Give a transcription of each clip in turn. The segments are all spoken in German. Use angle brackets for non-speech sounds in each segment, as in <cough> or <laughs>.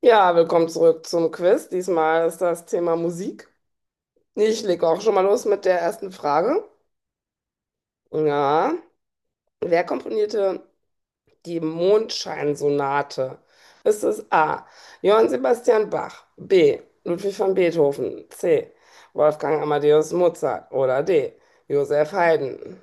Ja, willkommen zurück zum Quiz. Diesmal ist das Thema Musik. Ich lege auch schon mal los mit der ersten Frage. Ja, wer komponierte die Mondscheinsonate? Ist es A. Johann Sebastian Bach, B. Ludwig van Beethoven, C. Wolfgang Amadeus Mozart oder D. Joseph Haydn?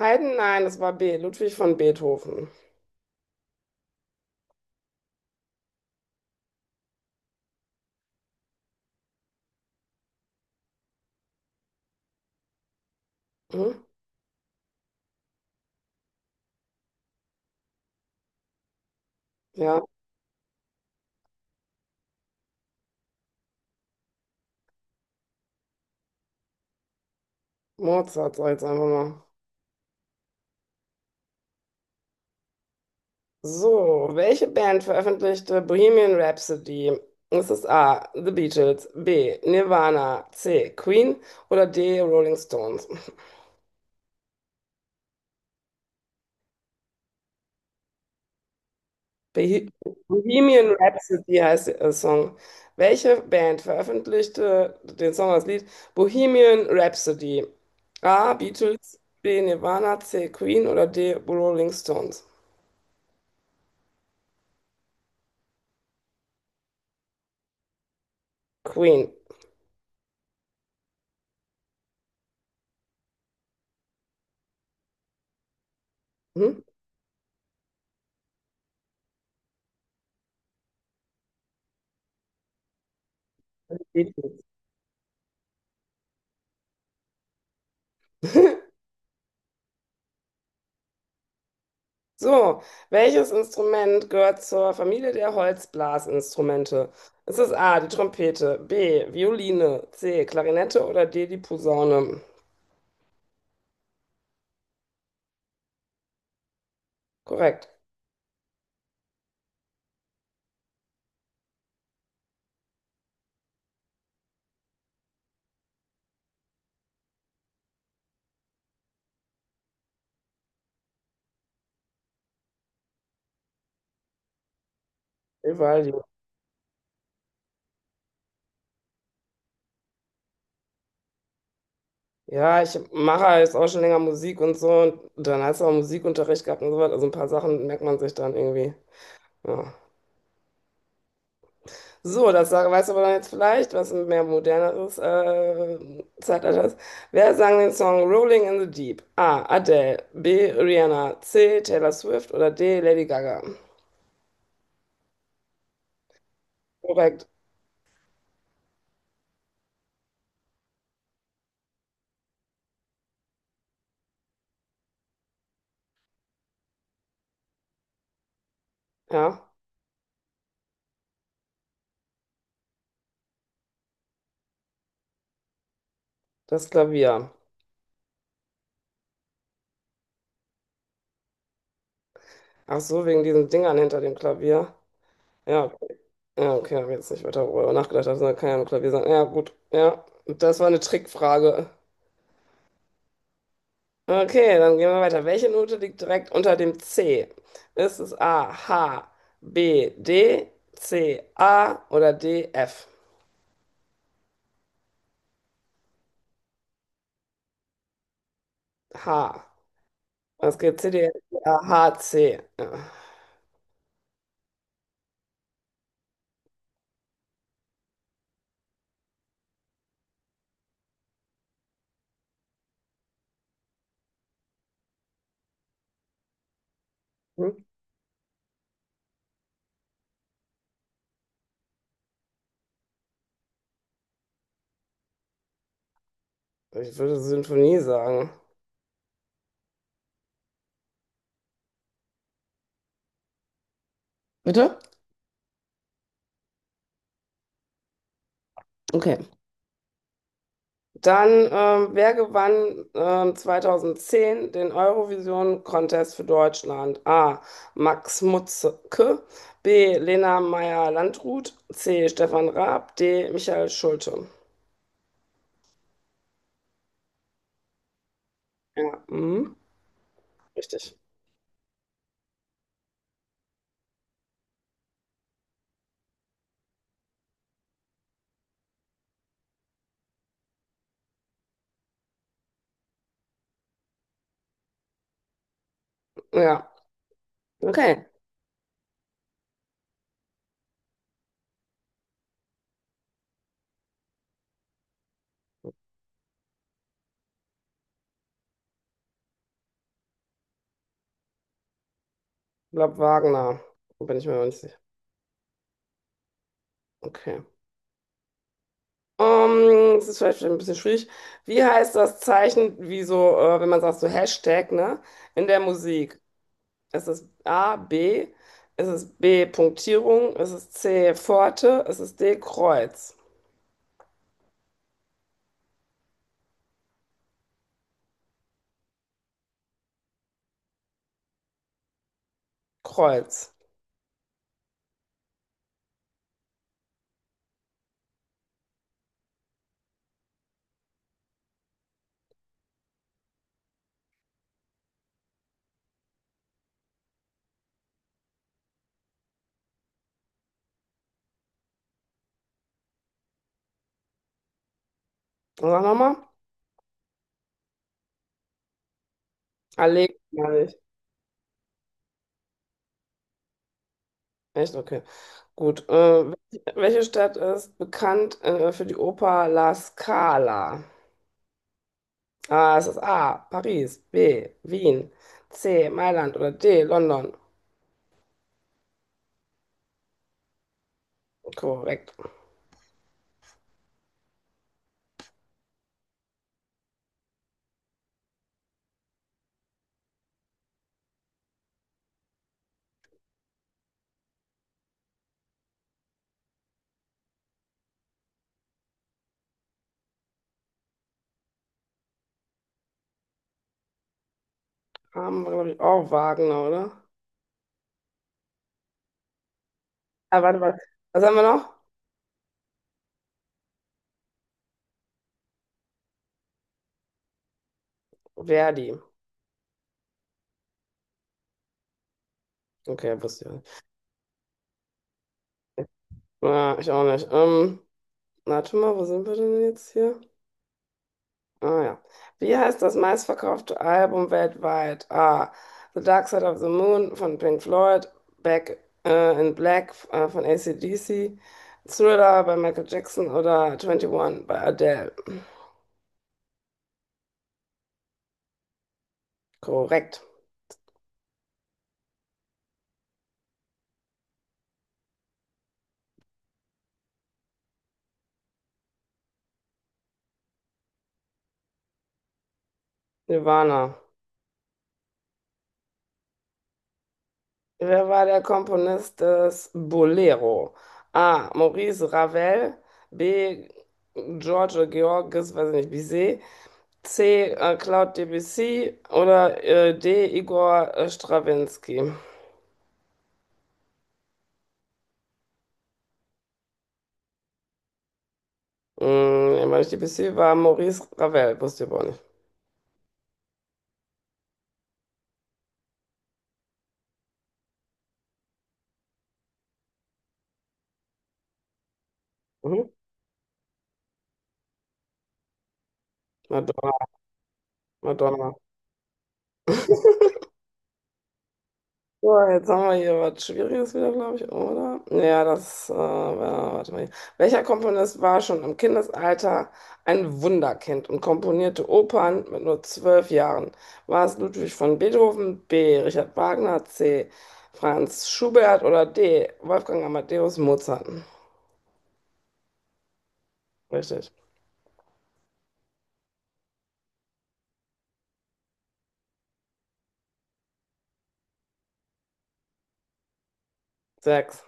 Haydn, nein, es war B. Ludwig van Beethoven. Hm? Ja, Mozart, sag ich jetzt einfach mal. So, welche Band veröffentlichte Bohemian Rhapsody? Ist es A, The Beatles, B, Nirvana, C, Queen oder D, Rolling Stones? Beh- Bohemian Rhapsody heißt der Song. Welche Band veröffentlichte den Song als Lied Bohemian Rhapsody? A, Beatles, B, Nirvana, C, Queen oder D, Rolling Stones? Queen. Hm? Beatles. <laughs> So, welches Instrument gehört zur Familie der Holzblasinstrumente? Ist es A, die Trompete, B, Violine, C, Klarinette oder D, die Posaune? Korrekt. Überall die. Ja, ich mache jetzt auch schon länger Musik und so. Und dann hast du auch Musikunterricht gehabt und so was. Also ein paar Sachen merkt man sich dann irgendwie. Ja. So, weißt aber dann jetzt vielleicht, was ein mehr moderneres Zeitalter ist. Wer sang den Song Rolling in the Deep? A. Adele, B. Rihanna, C. Taylor Swift oder D. Lady Gaga? Korrekt, ja, das Klavier. Ach so, wegen diesen Dingern hinter dem Klavier. Ja, ja, okay, habe jetzt nicht weiter darüber nachgedacht, das kann ja nur Klavier sein. Ja, gut, ja, das war eine Trickfrage. Okay, dann gehen wir weiter. Welche Note liegt direkt unter dem C? Ist es A, H, B, D, C, A oder D, F? H. Was geht C, D, F, A, H, C? Ja. Hm? Ich würde Sinfonie sagen. Bitte? Okay. Dann, wer gewann 2010 den Eurovision Contest für Deutschland? A. Max Mutzke, B. Lena Meyer-Landrut, C. Stefan Raab, D. Michael Schulte. Ja, mhm. Richtig. Ja, okay. Ich glaube Wagner. Bin ich mir noch nicht sicher. Okay. Das ist vielleicht ein bisschen schwierig. Wie heißt das Zeichen, wie so, wenn man sagt, so Hashtag, ne? In der Musik. Ist es A, B? Ist es B, Punktierung? Ist es C, Pforte? Ist es D, Kreuz? Kreuz. Sag nochmal. Allee, meine ich. Echt? Okay. Gut. Welche Stadt ist bekannt, für die Oper La Scala? Ah, es ist A, Paris, B, Wien, C, Mailand oder D, London. Korrekt. Haben wir, glaube ich, auch Wagner, oder? Ah, warte. Was haben wir noch? Verdi. Okay, wusste ich auch nicht. Ja, ich auch nicht. Warte mal, wo sind wir denn jetzt hier? Ah ja. Wie heißt das meistverkaufte Album weltweit? A. The Dark Side of the Moon von Pink Floyd, Back in Black von AC/DC, Thriller bei Michael Jackson oder 21 bei Adele. Korrekt. Silvana. Wer war der Komponist des Bolero? A. Maurice Ravel. B. George Georges, weiß ich nicht, Bizet. C. Claude Debussy. Oder D. Igor Strawinsky. Hm, ich meine, Debussy war Maurice Ravel, wusste ich aber auch nicht. Mhm. Madonna, Madonna. So, jetzt haben wir hier was Schwieriges wieder, glaube ich, oder? Ja, warte mal hier. Welcher Komponist war schon im Kindesalter ein Wunderkind und komponierte Opern mit nur 12 Jahren? War es Ludwig von Beethoven, B. Richard Wagner, C. Franz Schubert oder D. Wolfgang Amadeus Mozart? Richtig. Sechs.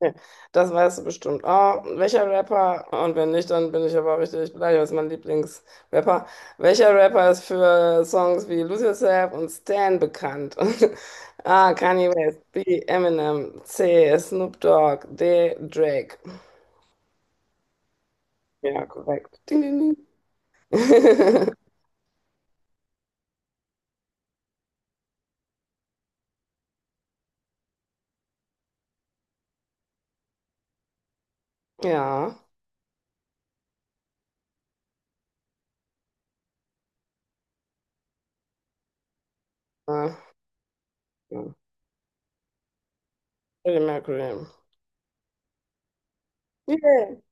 Nee, das weißt du bestimmt. Ah, welcher Rapper, und wenn nicht, dann bin ich aber richtig beleidigt, das ist mein Lieblingsrapper. Welcher Rapper ist für Songs wie Lose Yourself und Stan bekannt? <laughs> A. Kanye West, B. Eminem, C. Snoop Dogg, D. Drake. Ja, korrekt. Ding, ding, ding. <laughs> Ja. Ah, ja. Freddie Mercury. Yeah.